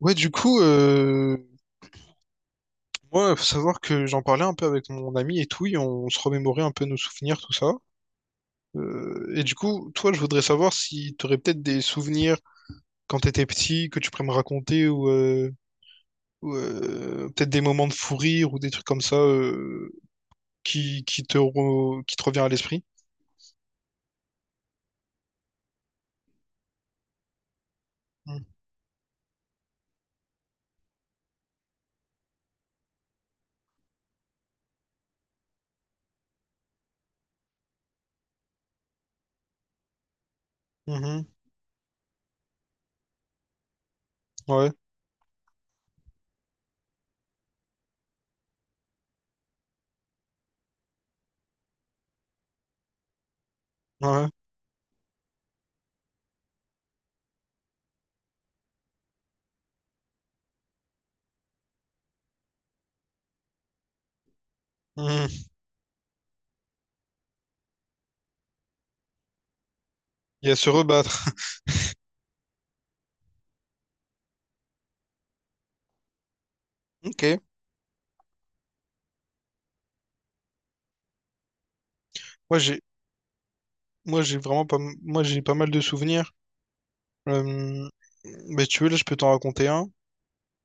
Ouais, du coup, moi, faut savoir que j'en parlais un peu avec mon ami et tout, et on se remémorait un peu nos souvenirs, tout ça. Et du coup, toi, je voudrais savoir si tu aurais peut-être des souvenirs quand t'étais petit que tu pourrais me raconter, ou, peut-être des moments de fou rire ou des trucs comme ça, qui te revient à l'esprit. Mhm. Mhm. Ouais, ouais. Mhm. Il y a se rebattre. Ok. Moi, j'ai Moi, j'ai vraiment pas, moi, j'ai pas mal de souvenirs. Euh, mais tu veux, là, je peux t'en raconter un.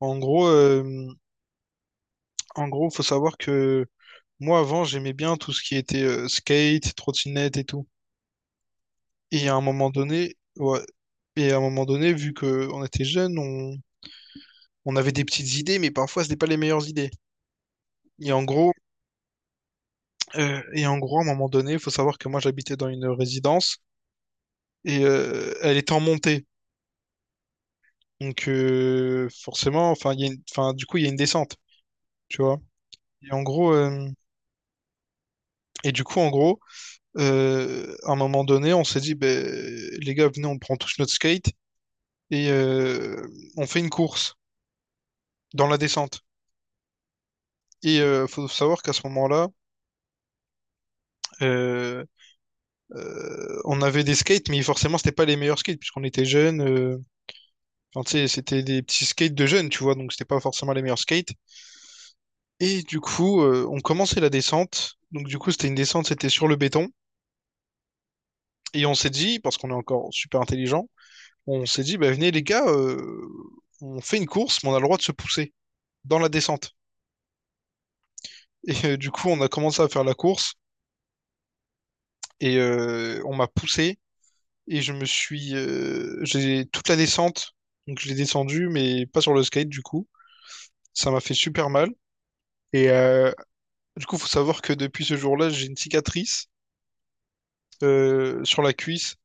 En gros, euh, en gros, faut savoir que moi, avant, j'aimais bien tout ce qui était, skate, trottinette et tout. Et à un moment donné, ouais, et à un moment donné, vu que on était jeunes, on avait des petites idées, mais parfois, c'était pas les meilleures idées. Et en gros, et en gros, à un moment donné, faut savoir que moi, j'habitais dans une résidence et elle était en montée. Donc, forcément, enfin, il y a une- enfin, du coup, il y a une descente, tu vois. Et en gros, et du coup, en gros, à un moment donné, on s'est dit, ben, les gars, venez, on prend tous notre skate et on fait une course dans la descente. Et faut savoir qu'à ce moment-là, euh, on avait des skates, mais forcément, c'était pas les meilleurs skates puisqu'on était jeunes. Euh, enfin, tu sais, c'était des petits skates de jeunes, tu vois, donc c'était pas forcément les meilleurs skates. Et du coup, on commençait la descente. Donc du coup, c'était une descente, c'était sur le béton. Et on s'est dit, parce qu'on est encore super intelligent, on s'est dit, bah, venez les gars, on fait une course, mais on a le droit de se pousser dans la descente. Et du coup, on a commencé à faire la course et on m'a poussé et je me suis, j'ai toute la descente, donc je l'ai descendu, mais pas sur le skate du coup. Ça m'a fait super mal. Et du coup, faut savoir que depuis ce jour-là, j'ai une cicatrice sur la cuisse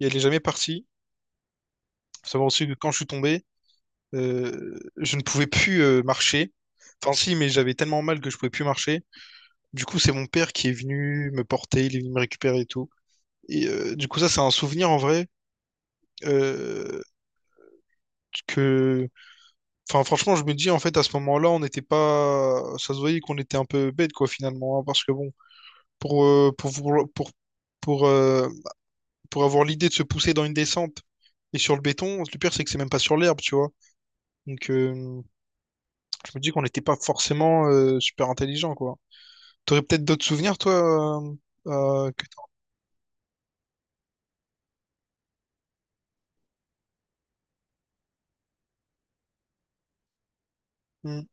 et elle est jamais partie. Faut savoir aussi que quand je suis tombé, je ne pouvais plus marcher. Enfin si, mais j'avais tellement mal que je pouvais plus marcher. Du coup, c'est mon père qui est venu me porter, il est venu me récupérer et tout. Et du coup, ça, c'est un souvenir en vrai euh, que, enfin, franchement, je me dis en fait à ce moment-là, on n'était pas, ça se voyait qu'on était un peu bête quoi finalement, hein, parce que bon, pour euh, pour pour pour pour, euh, pour avoir l'idée de se pousser dans une descente et sur le béton, le pire c'est que c'est même pas sur l'herbe, tu vois. Donc, je me dis qu'on n'était pas forcément super intelligent quoi. T'aurais peut-être d'autres souvenirs toi euh, que t'as- Hmm,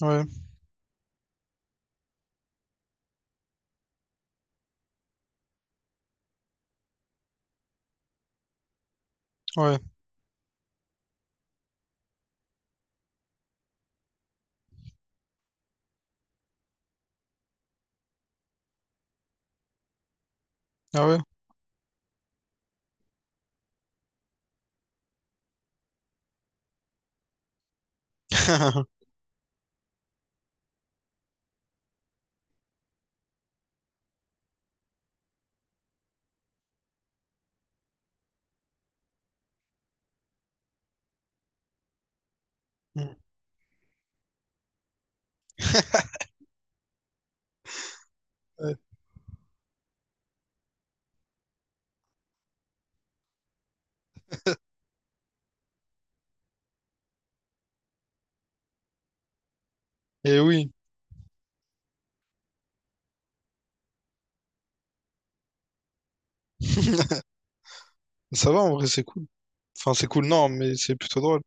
hmm, ouais, ouais, ah ouais. Ouais. Et oui, ça va en vrai, c'est cool. Enfin, c'est cool, non, mais c'est plutôt drôle.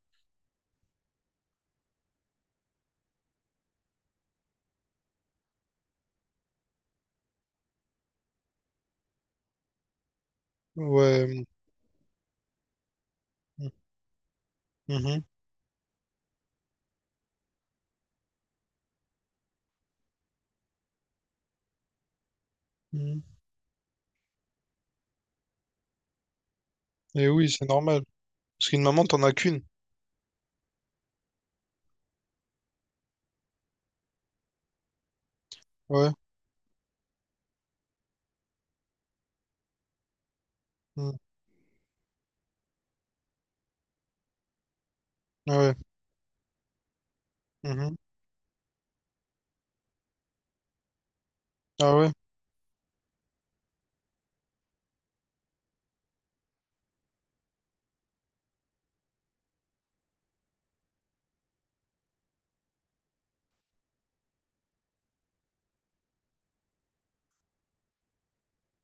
Ouais. Mm, mhm, mhm. Et oui, c'est normal. Parce qu'une maman, t'en as qu'une. Ouais. Mm, ah ouais. Mhm. Ah ouais.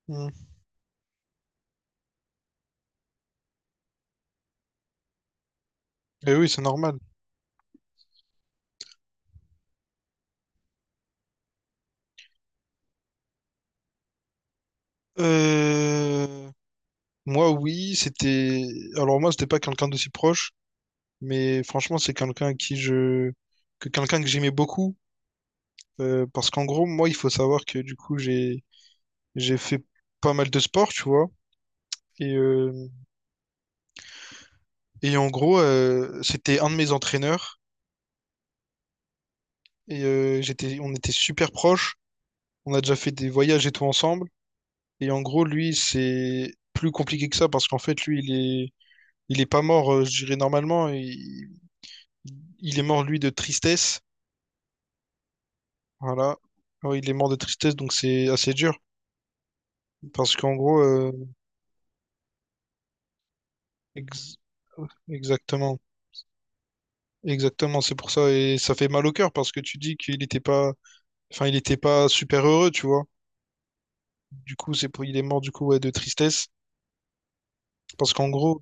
Mm. Et oui, c'est normal. Euh... Moi, oui, c'était. Alors, moi, c'était pas quelqu'un d'aussi proche, mais franchement, c'est quelqu'un à qui je. Que quelqu'un que j'aimais beaucoup. Euh, parce qu'en gros, moi, il faut savoir que du coup, j'ai fait pas mal de sport, tu vois. Et, et en gros, c'était un de mes entraîneurs. Et j'étais, on était super proches. On a déjà fait des voyages et tout ensemble. Et en gros, lui, c'est plus compliqué que ça parce qu'en fait, lui, est, il est pas mort, je dirais normalement. Il est mort, lui, de tristesse. Voilà. Ouais, il est mort de tristesse, donc c'est assez dur. Parce qu'en gros, ex- exactement. Exactement, c'est pour ça. Et ça fait mal au cœur parce que tu dis qu'il était pas, enfin, il était pas super heureux, tu vois. Du coup, c'est pour, il est mort, du coup, ouais, de tristesse. Parce qu'en gros,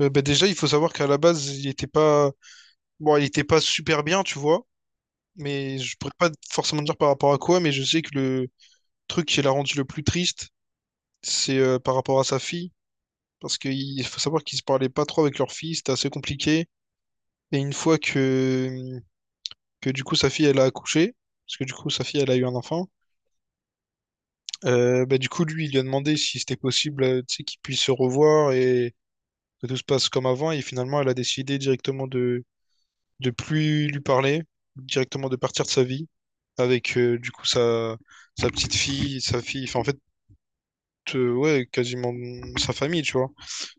bah, déjà, il faut savoir qu'à la base, il était pas... Bon, il était pas super bien, tu vois. Mais je pourrais pas forcément dire par rapport à quoi, mais je sais que le truc qui l'a rendu le plus triste, c'est par rapport à sa fille. Parce qu'il faut savoir qu'ils se parlaient pas trop avec leur fille, c'était assez compliqué. Et une fois que du coup sa fille elle a accouché, parce que du coup sa fille elle a eu un enfant, bah, du coup lui il lui a demandé si c'était possible tu sais, qu'ils puissent se revoir et que tout se passe comme avant. Et finalement elle a décidé directement de plus lui parler, directement de partir de sa vie avec du coup sa, sa petite fille, sa fille, enfin en fait, ouais, quasiment sa famille, tu vois.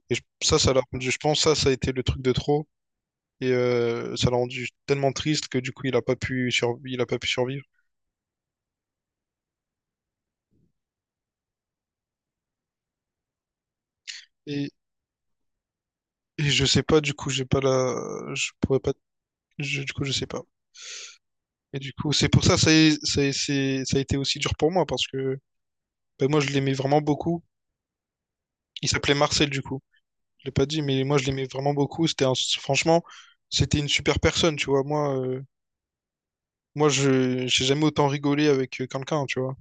Et je- ça l'a rendu, je pense, ça a été le truc de trop. Et ça l'a rendu tellement triste que du coup, il a pas pu survivre. Et, et je sais pas, du coup, j'ai pas la, je pourrais pas, je- du coup, je sais pas. Et du coup, c'est pour ça, ça a été aussi dur pour moi parce que ben, moi, je l'aimais vraiment beaucoup. Il s'appelait Marcel, du coup. Je l'ai pas dit, mais moi je l'aimais vraiment beaucoup. C'était un- franchement, c'était une super personne, tu vois. Moi, moi je j'ai jamais autant rigolé avec quelqu'un, tu vois.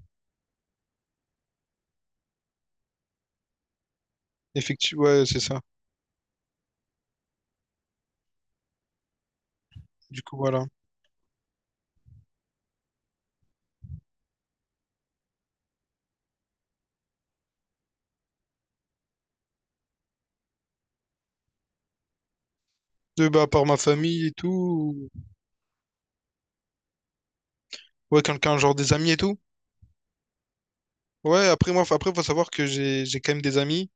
Effectivement, ouais, c'est ça. Du coup, voilà. De, bah, par ma famille et tout, ouais, quelqu'un, genre des amis et tout. Ouais, après, après, faut savoir que j'ai quand même des amis.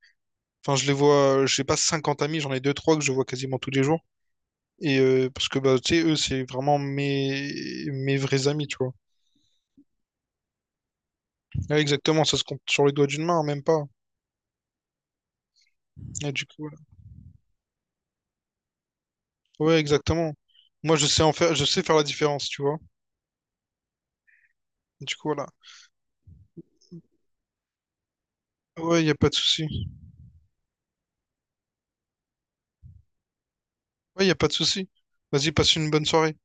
Enfin, je les vois, j'ai pas 50 amis, j'en ai deux trois que je vois quasiment tous les jours. Et parce que, bah, tu sais, eux, c'est vraiment mes, mes vrais amis, tu vois. Ouais, exactement, ça se compte sur les doigts d'une main, même pas. Et du coup, ouais, exactement. Moi, je sais en faire, je sais faire la différence, tu vois. Du coup, voilà. Ouais, y a pas de souci. Ouais, y a pas de souci. Vas-y, passe une bonne soirée.